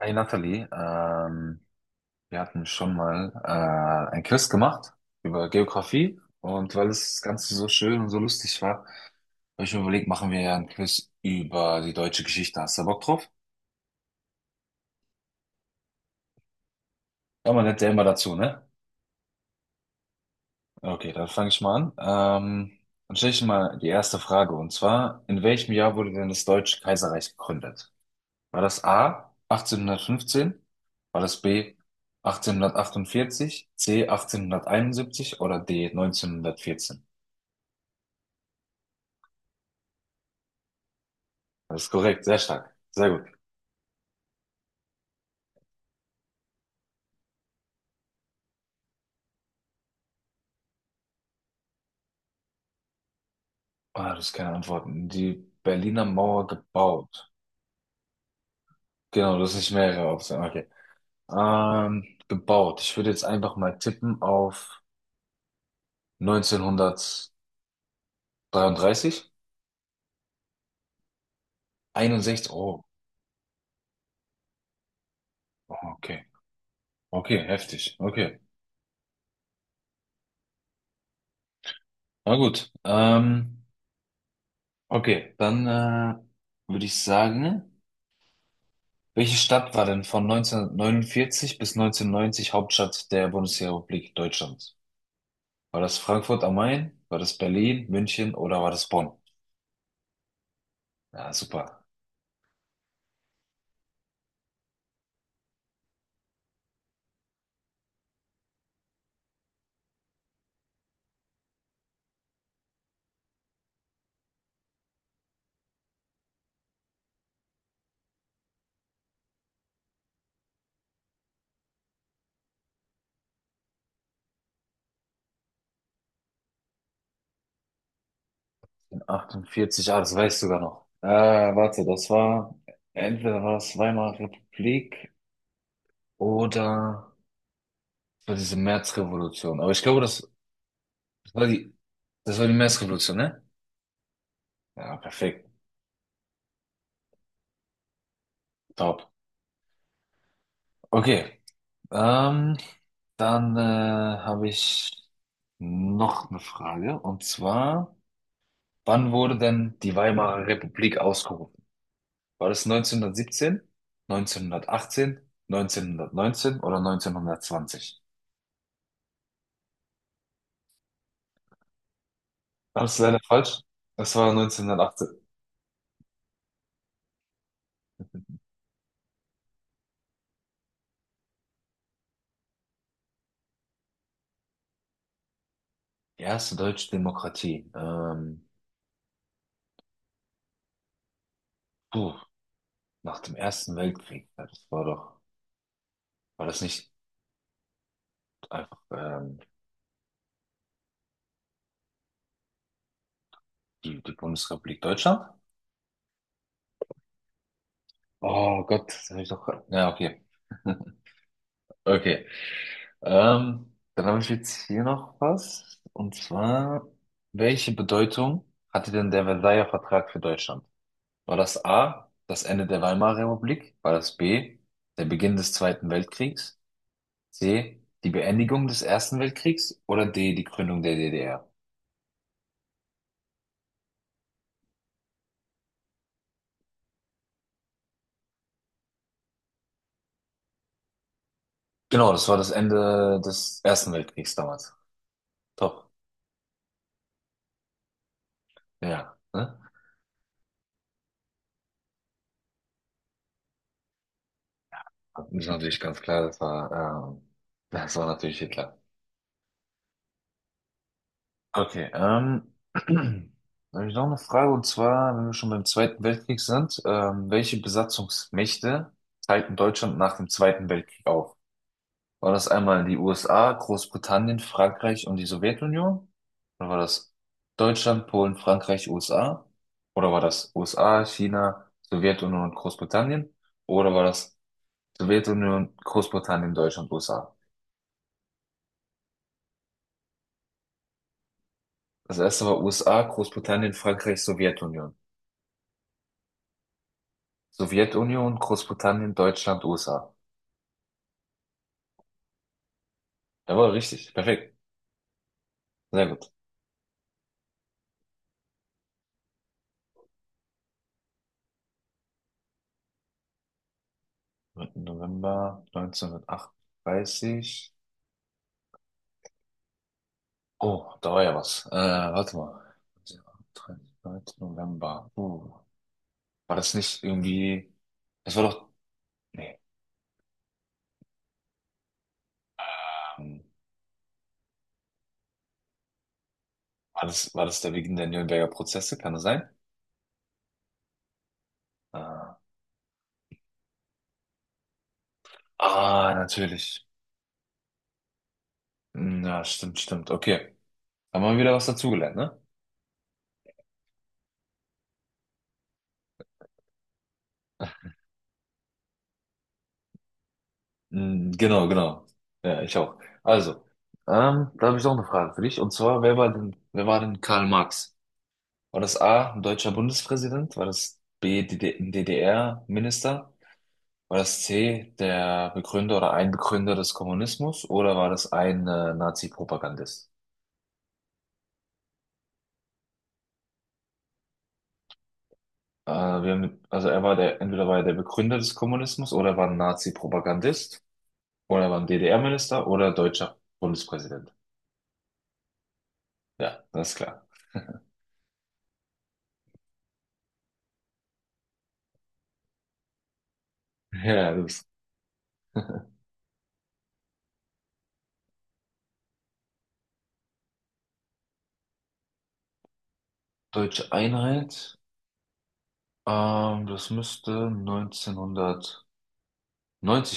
Hey Nathalie, wir hatten schon mal ein Quiz gemacht über Geografie, und weil das Ganze so schön und so lustig war, habe ich mir überlegt, machen wir ja ein Quiz über die deutsche Geschichte. Hast du Bock drauf? Ja, man lernt ja immer dazu, ne? Okay, dann fange ich mal an. Dann stelle ich mal die erste Frage, und zwar, in welchem Jahr wurde denn das Deutsche Kaiserreich gegründet? War das A 1815? War das B 1848, C 1871 oder D 1914? Das ist korrekt, sehr stark, sehr gut. Ah, das ist keine Antwort. Die Berliner Mauer gebaut. Genau, das ist nicht mehrere Optionen. Okay. Gebaut. Ich würde jetzt einfach mal tippen auf 1933. 61. Oh, okay. Okay, heftig. Okay. Na gut. Okay, dann würde ich sagen. Welche Stadt war denn von 1949 bis 1990 Hauptstadt der Bundesrepublik Deutschland? War das Frankfurt am Main? War das Berlin, München oder war das Bonn? Ja, super. 48, ah, das weißt du sogar noch. Warte, das war, entweder war es Weimarer Republik oder das war diese Märzrevolution. Aber ich glaube, das war das war die Märzrevolution, ne? Ja, perfekt. Top. Okay. Ähm, dann habe ich noch eine Frage, und zwar, wann wurde denn die Weimarer Republik ausgerufen? War das 1917, 1918, 1919 oder 1920? Das ist leider falsch. Das war 1918. Erste deutsche Demokratie. Puh, nach dem Ersten Weltkrieg. Ja, das war doch, war das nicht einfach die Bundesrepublik Deutschland? Oh Gott, das habe ich doch. Ja, okay. Okay. Dann habe ich jetzt hier noch was. Und zwar, welche Bedeutung hatte denn der Versailler Vertrag für Deutschland? War das A, das Ende der Weimarer Republik? War das B, der Beginn des Zweiten Weltkriegs? C, die Beendigung des Ersten Weltkriegs? Oder D, die Gründung der DDR? Genau, das war das Ende des Ersten Weltkriegs damals. Top, ja. Ne? Das ist natürlich ganz klar, das war natürlich Hitler. Okay, da habe ich noch eine Frage, und zwar, wenn wir schon beim Zweiten Weltkrieg sind, welche Besatzungsmächte teilten Deutschland nach dem Zweiten Weltkrieg auf? War das einmal die USA, Großbritannien, Frankreich und die Sowjetunion? Oder war das Deutschland, Polen, Frankreich, USA? Oder war das USA, China, Sowjetunion und Großbritannien? Oder war das Sowjetunion, Großbritannien, Deutschland, USA? Das erste war USA, Großbritannien, Frankreich, Sowjetunion. Sowjetunion, Großbritannien, Deutschland, USA. Jawohl, richtig. Perfekt. Sehr gut. 3. November neunzehnhundertachtunddreißig. Oh, da war ja was. Warte mal. 3. November. War das nicht irgendwie. Das war doch. Nee. Ähm, war das der Beginn der Nürnberger Prozesse? Kann das sein? Äh, ah, natürlich. Hm, ja, stimmt, stimmt. Okay. Haben wir wieder was dazugelernt, ne? Mm, genau, genau. Ja, ich auch. Also, da habe ich auch eine Frage für dich. Und zwar, wer war denn Karl Marx? War das A, ein deutscher Bundespräsident? War das B, DD ein DDR-Minister? War das C, der Begründer oder ein Begründer des Kommunismus? Oder war das ein Nazi-Propagandist? Wir haben, also er war der, entweder war er der Begründer des Kommunismus oder er war ein Nazi-Propagandist oder er war ein DDR-Minister oder deutscher Bundespräsident. Ja, das ist klar. Ja, das ist deutsche Einheit. Das müsste neunzehnhundertneunzig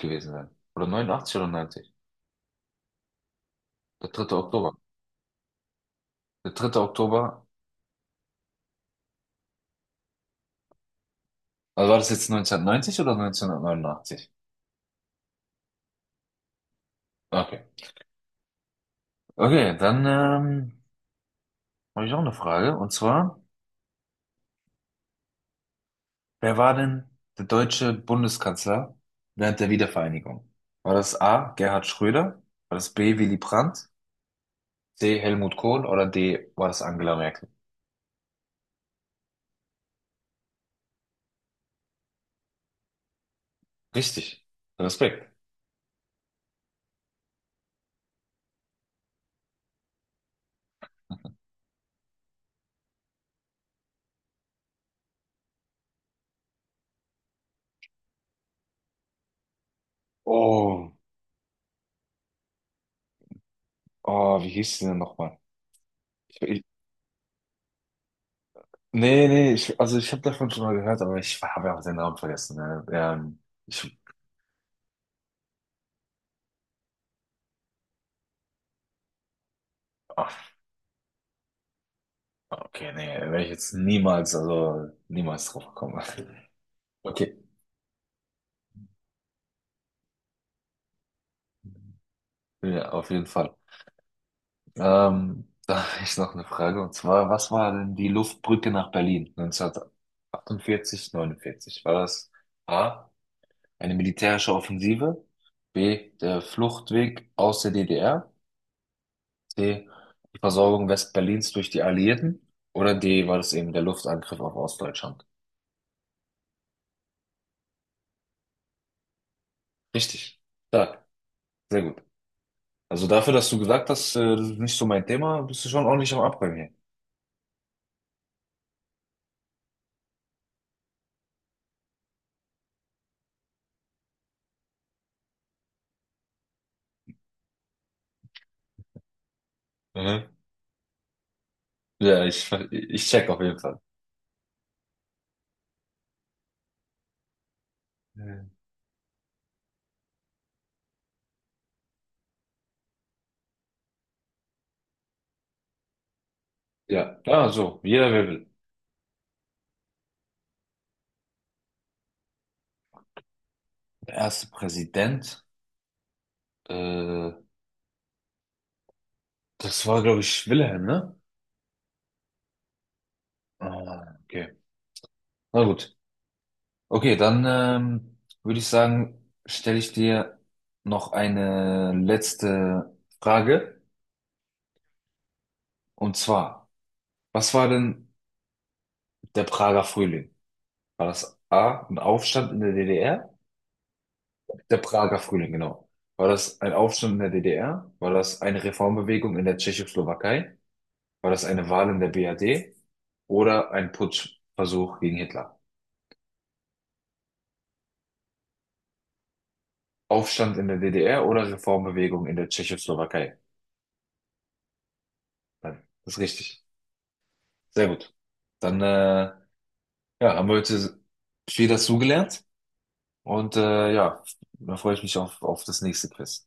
gewesen sein. Oder 89 oder 90. Der dritte Oktober. Der dritte Oktober. Also war das jetzt neunzehnhundertneunzig oder neunzehnhundertneunundachtzig? Okay. Okay, dann habe ich auch eine Frage. Und zwar, wer war denn der deutsche Bundeskanzler während der Wiedervereinigung? War das A. Gerhard Schröder? War das B. Willy Brandt? C. Helmut Kohl? Oder D. war das Angela Merkel? Richtig. Respekt. Oh, oh, wie hieß sie denn nochmal? Ich, nee, nee, ich, also ich habe davon schon mal gehört, aber ich habe ja auch den Namen vergessen. Ne? Ich, ach, okay, nee, werde ich jetzt niemals, also niemals drauf kommen. Okay, ja, auf jeden Fall. Da habe ich noch eine Frage, und zwar, was war denn die Luftbrücke nach Berlin 1948, 49? War das A, eine militärische Offensive, B, der Fluchtweg aus der DDR, C. Die Versorgung Westberlins durch die Alliierten. Oder D. war das eben der Luftangriff auf Ostdeutschland? Richtig. Stark. Sehr gut. Also dafür, dass du gesagt hast, das ist nicht so mein Thema, bist du schon ordentlich am Abräumen hier. Mhm. Ja, ich check auf jeden Fall. Mhm. Ja, ja, so, jeder wer will. Der erste Präsident, äh, das war, glaube ich, Wilhelm, ne? Ah, okay. Na gut. Okay, dann würde ich sagen, stelle ich dir noch eine letzte Frage. Und zwar, was war denn der Prager Frühling? War das A, ein Aufstand in der DDR? Der Prager Frühling, genau. War das ein Aufstand in der DDR? War das eine Reformbewegung in der Tschechoslowakei? War das eine Wahl in der BRD? Oder ein Putschversuch gegen Hitler? Aufstand in der DDR oder Reformbewegung in der Tschechoslowakei? Nein, das ist richtig. Sehr gut. Dann ja, haben wir heute viel dazugelernt, und ja, da freue ich mich auf das nächste Quiz.